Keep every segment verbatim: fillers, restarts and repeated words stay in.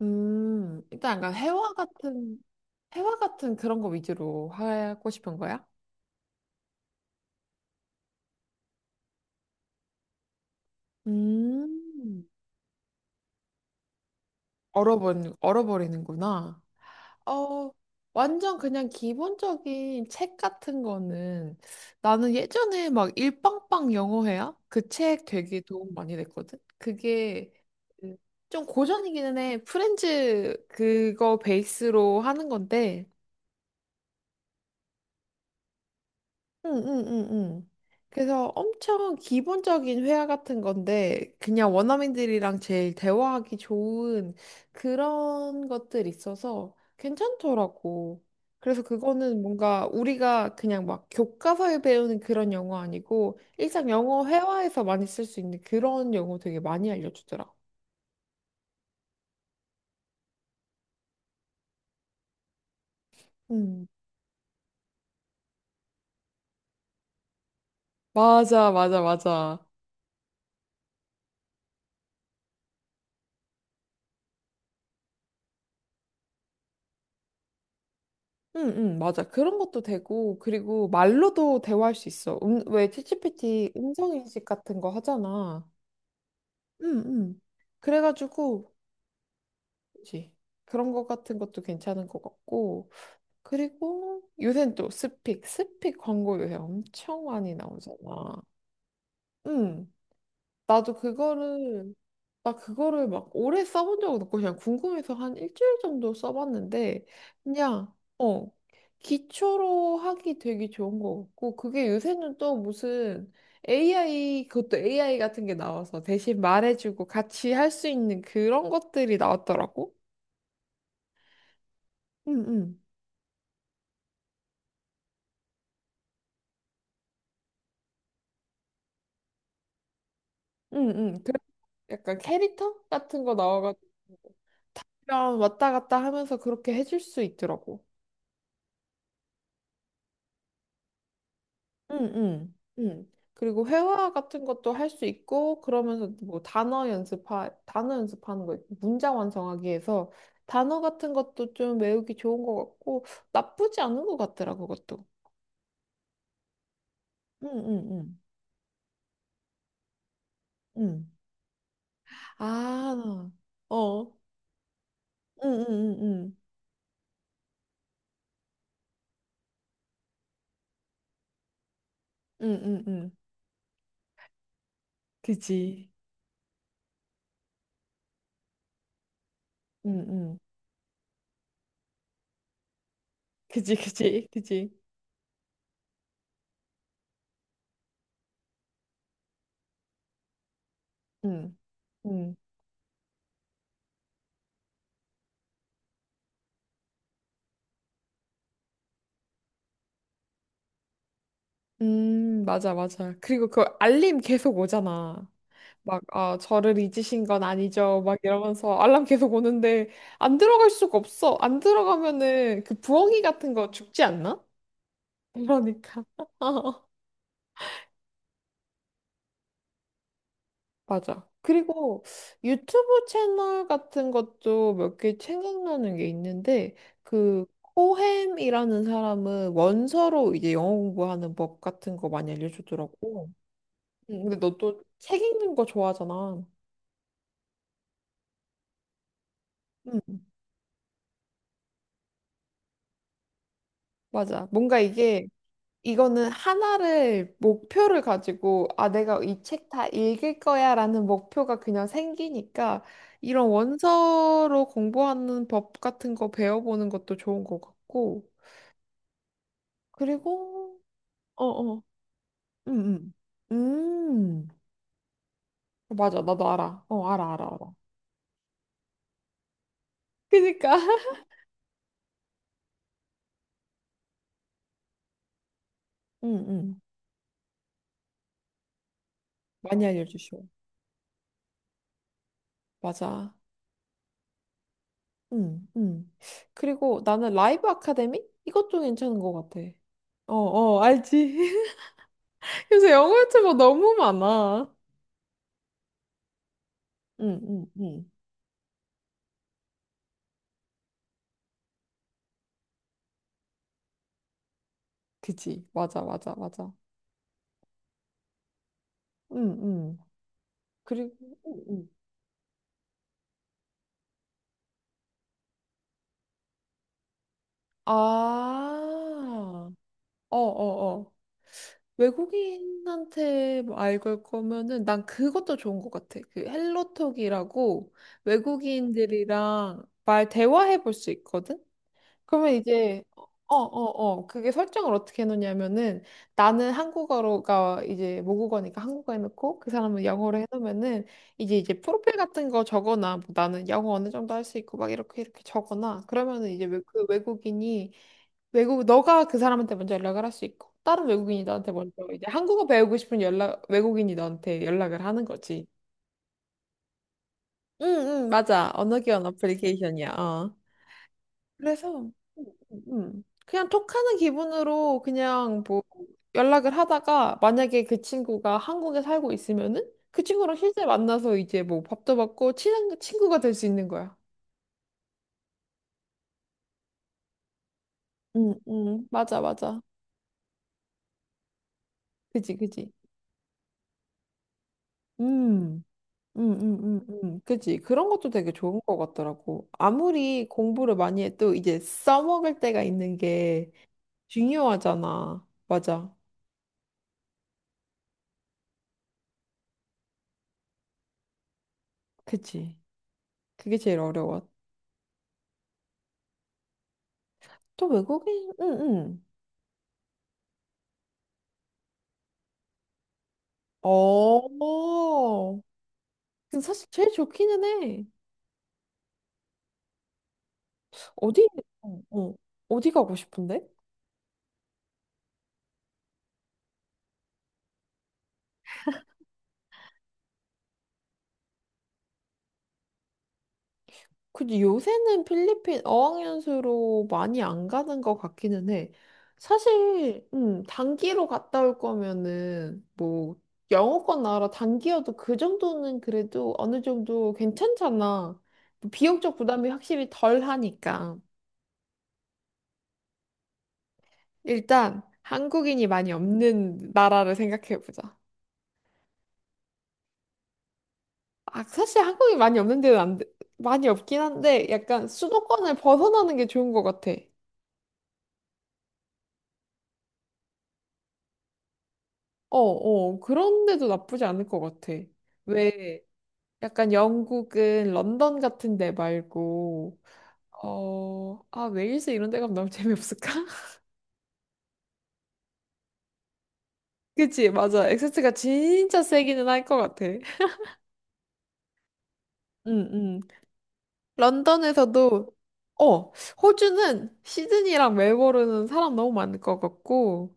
음, 일단 약간 회화 같은, 회화 같은 그런 거 위주로 하고 싶은 거야? 음, 얼어버리, 얼어버리는구나. 어, 완전 그냥 기본적인 책 같은 거는 나는 예전에 막 일빵빵 영어회화? 그 책 되게 도움 많이 됐거든? 그게 그- 좀 고전이기는 해. 프렌즈 그거 베이스로 하는 건데 응응응응. 그래서 엄청 기본적인 회화 같은 건데 그냥 원어민들이랑 제일 대화하기 좋은 그런 것들 있어서 괜찮더라고. 그래서 그거는 뭔가 우리가 그냥 막 교과서에 배우는 그런 영어 아니고 일상 영어 회화에서 많이 쓸 수 있는 그런 영어 되게 많이 알려주더라. 음. 맞아, 맞아, 맞아. 응, 응, 맞아. 그런 것도 되고, 그리고 말로도 대화할 수 있어. 음, 왜 챗지피티 음성인식 같은 거 하잖아. 응, 응. 그래가지고, 그치. 그런 거 같은 것도 괜찮은 것 같고, 그리고 요새는 또 스픽, 스픽 광고 요새 엄청 많이 나오잖아. 응. 나도 그거를 나 그거를 막 오래 써본 적은 없고 그냥 궁금해서 한 일주일 정도 써봤는데 그냥 어 기초로 하기 되게 좋은 거 같고 그게 요새는 또 무슨 에이아이 그것도 에이아이 같은 게 나와서 대신 말해주고 같이 할 수 있는 그런 것들이 나왔더라고. 응응 응응 그 약간 캐릭터 같은 거 나와가지고 그냥 왔다 갔다 하면서 그렇게 해줄 수 있더라고. 응, 응, 응. 그리고 회화 같은 것도 할 수 있고, 그러면서 뭐 단어 연습하, 단어 연습하는 거, 있고 문장 완성하기 위해서 단어 같은 것도 좀 외우기 좋은 것 같고, 나쁘지 않은 것 같더라, 그것도. 응, 응, 응, 응. 아, 어. 응, 응, 응, 응. 응, 응, 응. 그지. 응, 응. 그지, 그지, 그지. 응, 응. 음, 맞아, 맞아. 그리고 그 알림 계속 오잖아. 막, 아, 저를 잊으신 건 아니죠. 막 이러면서 알람 계속 오는데, 안 들어갈 수가 없어. 안 들어가면은 그 부엉이 같은 거 죽지 않나? 그러니까. 맞아. 그리고 유튜브 채널 같은 것도 몇 개 생각나는 게 있는데, 그, 코햄이라는 사람은 원서로 이제 영어 공부하는 법 같은 거 많이 알려주더라고. 응, 근데 너 또 책 읽는 거 좋아하잖아. 응, 맞아. 뭔가 이게 이거는 하나를 목표를 가지고 아 내가 이 책 다 읽을 거야라는 목표가 그냥 생기니까 이런 원서로 공부하는 법 같은 거 배워보는 것도 좋은 것 같고 그리고 어어 음음 음 맞아 나도 알아 어 알아 알아 알아 그니까 응응 많이 알려주시오 맞아 응 응 그리고 나는 라이브 아카데미 이것도 괜찮은 것 같아 어 어 알지 그래서 영어 유튜버 너무 많아. 응, 응, 응. 그지? 맞아, 맞아, 맞아. 응, 응. 그리고, 응, 응. 아, 어, 어, 어. 외국인한테 뭐 알고 올 거면은 난 그것도 좋은 것 같아. 그 헬로톡이라고 외국인들이랑 말 대화해 볼 수 있거든? 그러면 이제 어, 어, 어. 그게 설정을 어떻게 해놓냐면은 나는 한국어가 이제 모국어니까 한국어 해놓고 그 사람은 영어로 해놓으면은 이제 이제 프로필 같은 거 적거나 뭐 나는 영어 어느 정도 할 수 있고 막 이렇게 이렇게 적거나 그러면은 이제 외- 그 외국인이 외국 너가 그 사람한테 먼저 연락을 할 수 있고 다른 외국인이 나한테 먼저 이제 한국어 배우고 싶은 연락 외국인이 너한테 연락을 하는 거지. 응, 응, 맞아. 언어 교환 어플리케이션이야. 그래서 음, 음. 그냥 톡하는 기분으로 그냥 뭐 연락을 하다가 만약에 그 친구가 한국에 살고 있으면은 그 친구랑 실제 만나서 이제 뭐 밥도 먹고 친한 친구가 될 수 있는 거야. 응, 응, 맞아, 맞아. 그지, 그지. 음, 음, 음, 음, 음. 그지. 그런 것도 되게 좋은 것 같더라고. 아무리 공부를 많이 해도 이제 써먹을 때가 있는 게 중요하잖아. 맞아. 그지. 그게 제일 어려워. 또 외국인, 응, 응. 어. 근데 사실 제일 좋기는 해. 어디, 어, 어. 어디 가고 싶은데? 근데 요새는 필리핀 어학연수로 많이 안 가는 것 같기는 해. 사실, 음, 단기로 갔다 올 거면은, 뭐, 영어권 나라 단기여도 그 정도는 그래도 어느 정도 괜찮잖아. 뭐 비용적 부담이 확실히 덜 하니까. 일단, 한국인이 많이 없는 나라를 생각해보자. 아, 사실 한국이 많이 없는 데는 안, 돼- 많이 없긴 한데 약간 수도권을 벗어나는 게 좋은 것 같아. 어, 어, 그런데도 나쁘지 않을 것 같아. 왜 약간 영국은 런던 같은 데 말고 어, 아, 웨일스 이런 데 가면 너무 재미없을까? 그치, 맞아. 액센트가 진짜 세기는 할 것 같아. 응, 응. 런던에서도, 어, 호주는 시드니랑 멜버른은 사람 너무 많을 것 같고,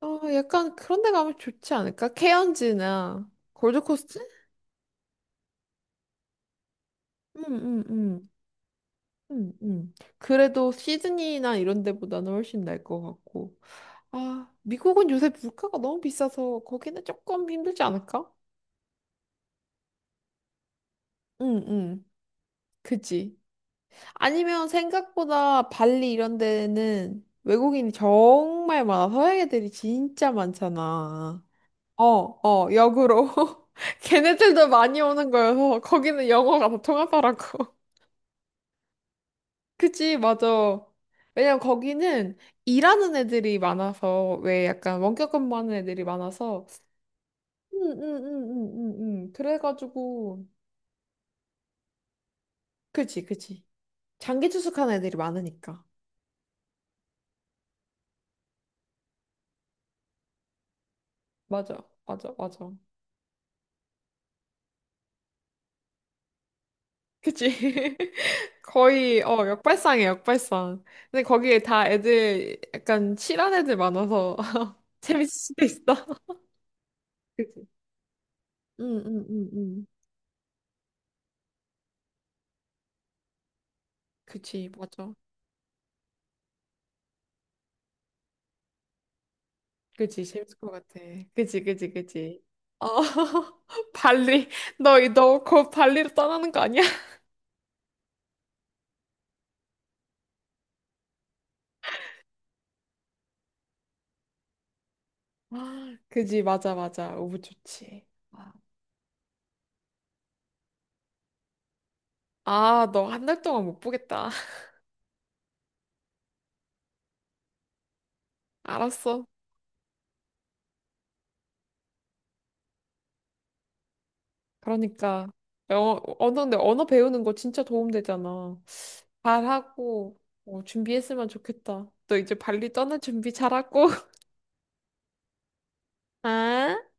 어, 약간 그런 데 가면 좋지 않을까? 케언즈나 골드코스트? 응응응응응 그래도 시드니나 이런 데보다는 훨씬 나을 것 같고. 아, 미국은 요새 물가가 너무 비싸서 거기는 조금 힘들지 않을까? 응, 응. 그지. 아니면 생각보다 발리 이런 데는 외국인이 정말 많아. 서양 애들이 진짜 많잖아. 어, 어, 역으로. 걔네들도 많이 오는 거여서 거기는 영어가 더 통하더라고. 그치, 맞아. 왜냐면 거기는 일하는 애들이 많아서, 왜 약간 원격 근무하는 애들이 많아서, 응, 응, 응, 응, 응, 응. 그래가지고, 그치, 그치. 장기 투숙하는 애들이 많으니까. 맞아, 맞아, 맞아. 그치. 거의, 어, 역발상이야, 역발상. 근데 거기에 다 애들, 약간 칠한 애들 많아서, 재밌을 수도 있어. 그치. 응, 응, 응, 응. 그치, 맞아. 그치, 재밌을 것 같아. 그치, 그치, 그치. 어, 발리, 너, 너, 곧 발리로 떠나는 거 아니야? 아 그지, 맞아, 맞아. 너무 좋지. 아, 너 한 달 동안 못 보겠다. 알았어. 그러니까. 어, 언어, 근데 언어 배우는 거 진짜 도움 되잖아. 잘하고, 어, 준비했으면 좋겠다. 너 이제 발리 떠날 준비 잘하고. 아.